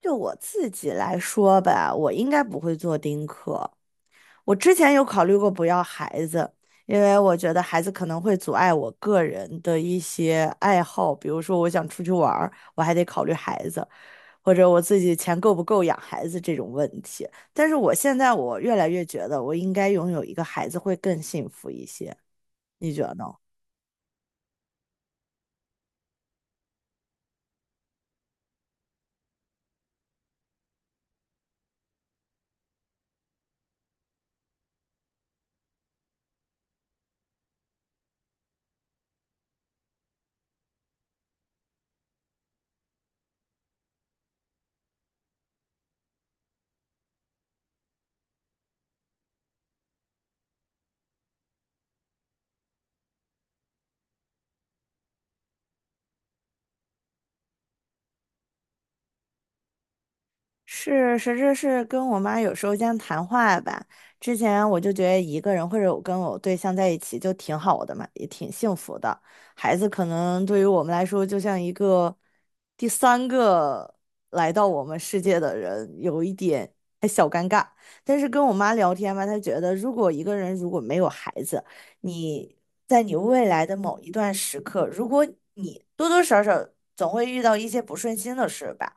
就我自己来说吧，我应该不会做丁克。我之前有考虑过不要孩子，因为我觉得孩子可能会阻碍我个人的一些爱好，比如说我想出去玩儿，我还得考虑孩子，或者我自己钱够不够养孩子这种问题。但是我现在越来越觉得，我应该拥有一个孩子会更幸福一些。你觉得呢？是，实质是跟我妈有时候这样谈话吧。之前我就觉得一个人或者我跟我对象在一起就挺好的嘛，也挺幸福的。孩子可能对于我们来说，就像一个第三个来到我们世界的人，有一点。但是跟我妈聊天吧，她觉得如果一个人如果没有孩子，你在你未来的某一段时刻，如果你多多少少总会遇到一些不顺心的事吧。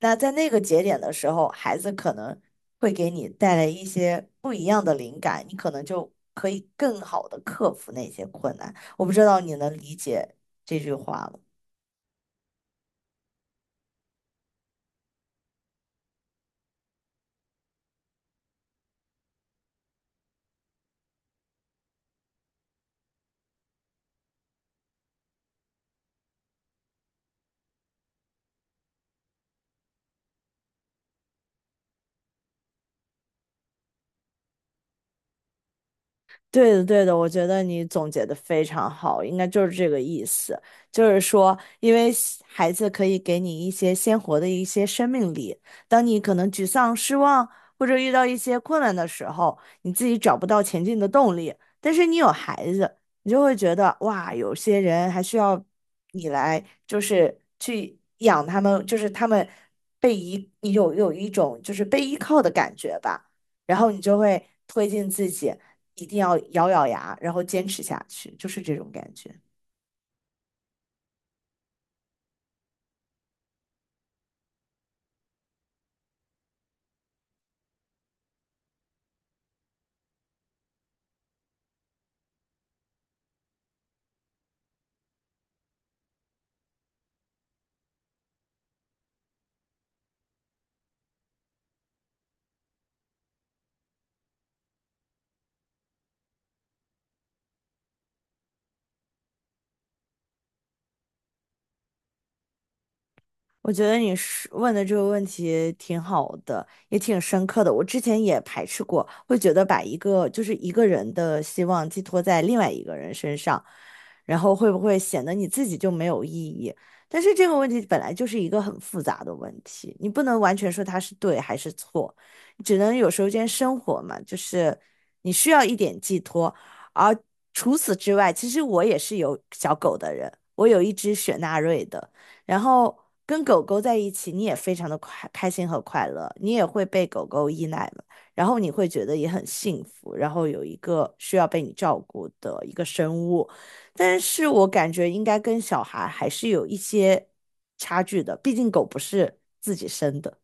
那在那个节点的时候，孩子可能会给你带来一些不一样的灵感，你可能就可以更好的克服那些困难。我不知道你能理解这句话吗？对的，对的，我觉得你总结的非常好，应该就是这个意思，就是说，因为西孩子可以给你一些鲜活的一些生命力，当你可能沮丧、失望或者遇到一些困难的时候，你自己找不到前进的动力，但是你有孩子，你就会觉得哇，有些人还需要你来，就是去养他们，就是他们有一种就是被依靠的感觉吧。然后你就会推进自己，一定要咬咬牙，然后坚持下去，就是这种感觉。我觉得你是问的这个问题挺好的，也挺深刻的。我之前也排斥过，会觉得把一个就是一个人的希望寄托在另外一个人身上，然后会不会显得你自己就没有意义？但是这个问题本来就是一个很复杂的问题，你不能完全说它是对还是错，只能有时候间生活嘛，就是你需要一点寄托。而除此之外，其实我也是有小狗的人，我有一只雪纳瑞的。然后跟狗狗在一起，你也非常的快开心和快乐，你也会被狗狗依赖嘛，然后你会觉得也很幸福，然后有一个需要被你照顾的一个生物，但是我感觉应该跟小孩还是有一些差距的，毕竟狗不是自己生的，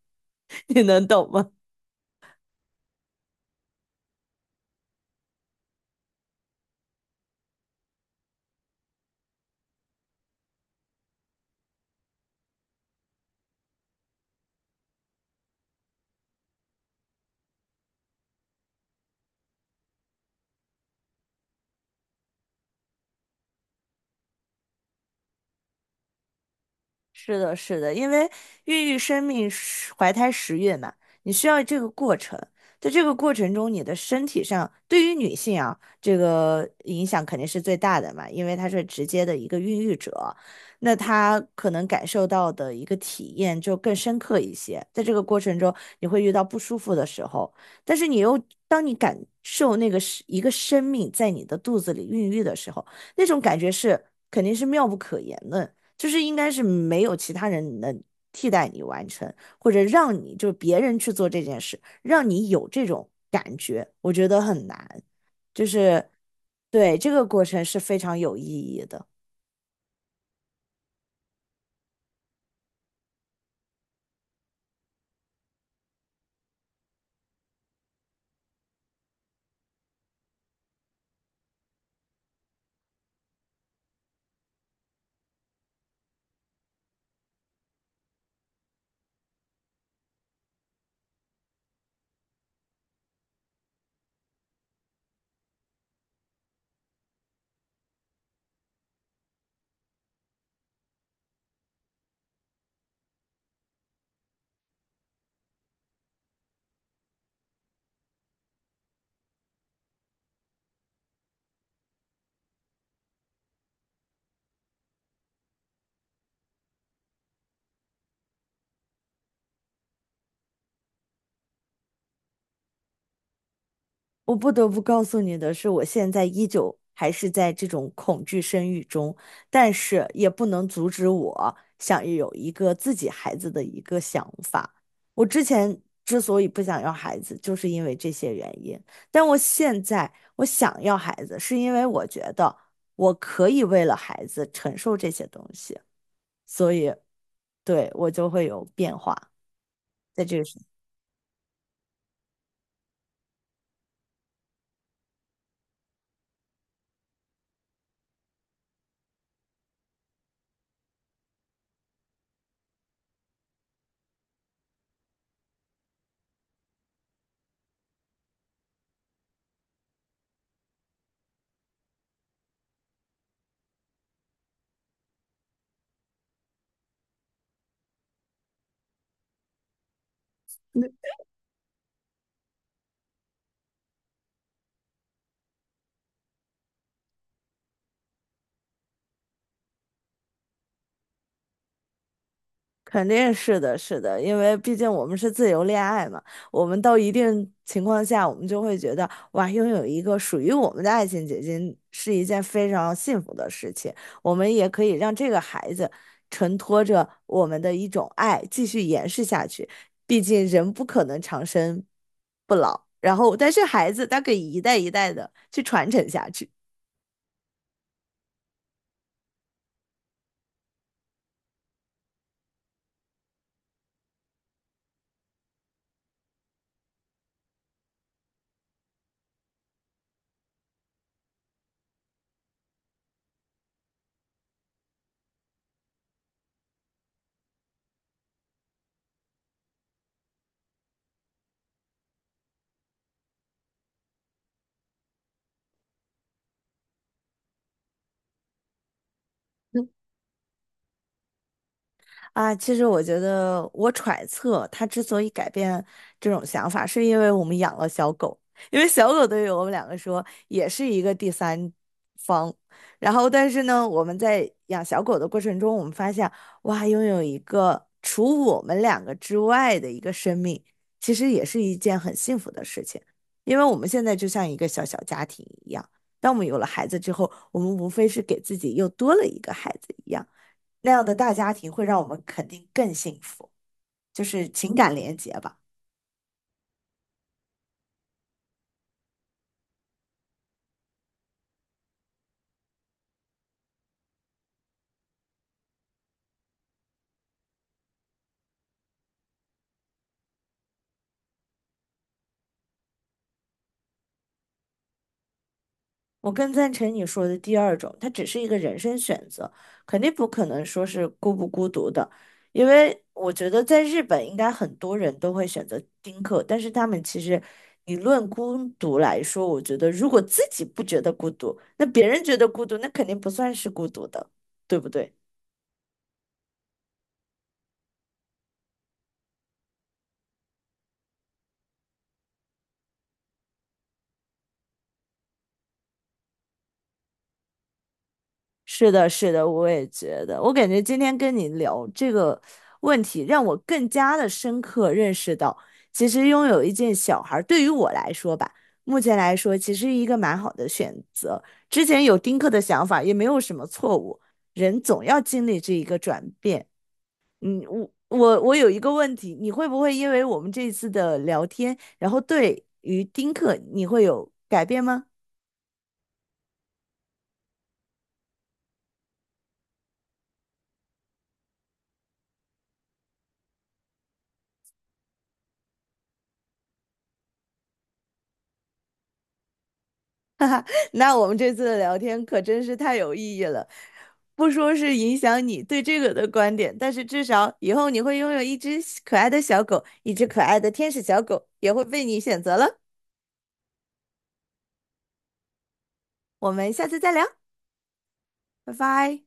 你能懂吗？是的，是的，因为孕育生命是怀胎十月嘛，你需要这个过程。在这个过程中，你的身体上对于女性啊，这个影响肯定是最大的嘛，因为她是直接的一个孕育者，那她可能感受到的一个体验就更深刻一些。在这个过程中，你会遇到不舒服的时候，但是你又当你感受那个是一个生命在你的肚子里孕育的时候，那种感觉是肯定是妙不可言的。就是应该是没有其他人能替代你完成，或者让你就是别人去做这件事，让你有这种感觉，我觉得很难，就是对这个过程是非常有意义的。我不得不告诉你的是，我现在依旧还是在这种恐惧生育中，但是也不能阻止我想有一个自己孩子的一个想法。我之前之所以不想要孩子，就是因为这些原因。但我现在我想要孩子，是因为我觉得我可以为了孩子承受这些东西，所以对我就会有变化。这在这个。肯定是的，是的，因为毕竟我们是自由恋爱嘛，我们到一定情况下，我们就会觉得，哇，拥有一个属于我们的爱情结晶是一件非常幸福的事情。我们也可以让这个孩子承托着我们的一种爱，继续延续下去。毕竟人不可能长生不老，然后但是孩子他可以一代一代的去传承下去。啊，其实我觉得，我揣测他之所以改变这种想法，是因为我们养了小狗，因为小狗对于我们两个说也是一个第三方。然后，但是呢，我们在养小狗的过程中，我们发现，哇，拥有一个除我们两个之外的一个生命，其实也是一件很幸福的事情，因为我们现在就像一个小小家庭一样。当我们有了孩子之后，我们无非是给自己又多了一个孩子一样。那样的大家庭会让我们肯定更幸福，就是情感连结吧。我更赞成你说的第二种，它只是一个人生选择，肯定不可能说是孤不孤独的，因为我觉得在日本应该很多人都会选择丁克，但是他们其实你论孤独来说，我觉得如果自己不觉得孤独，那别人觉得孤独，那肯定不算是孤独的，对不对？是的，是的，我也觉得。我感觉今天跟你聊这个问题，让我更加的深刻认识到，其实拥有一件小孩儿，对于我来说吧，目前来说其实一个蛮好的选择。之前有丁克的想法，也没有什么错误。人总要经历这一个转变。嗯，我有一个问题，你会不会因为我们这次的聊天，然后对于丁克你会有改变吗？那我们这次的聊天可真是太有意义了，不说是影响你对这个的观点，但是至少以后你会拥有一只小可爱的小狗，一只可爱的天使小狗也会被你选择了。我们下次再聊，拜拜。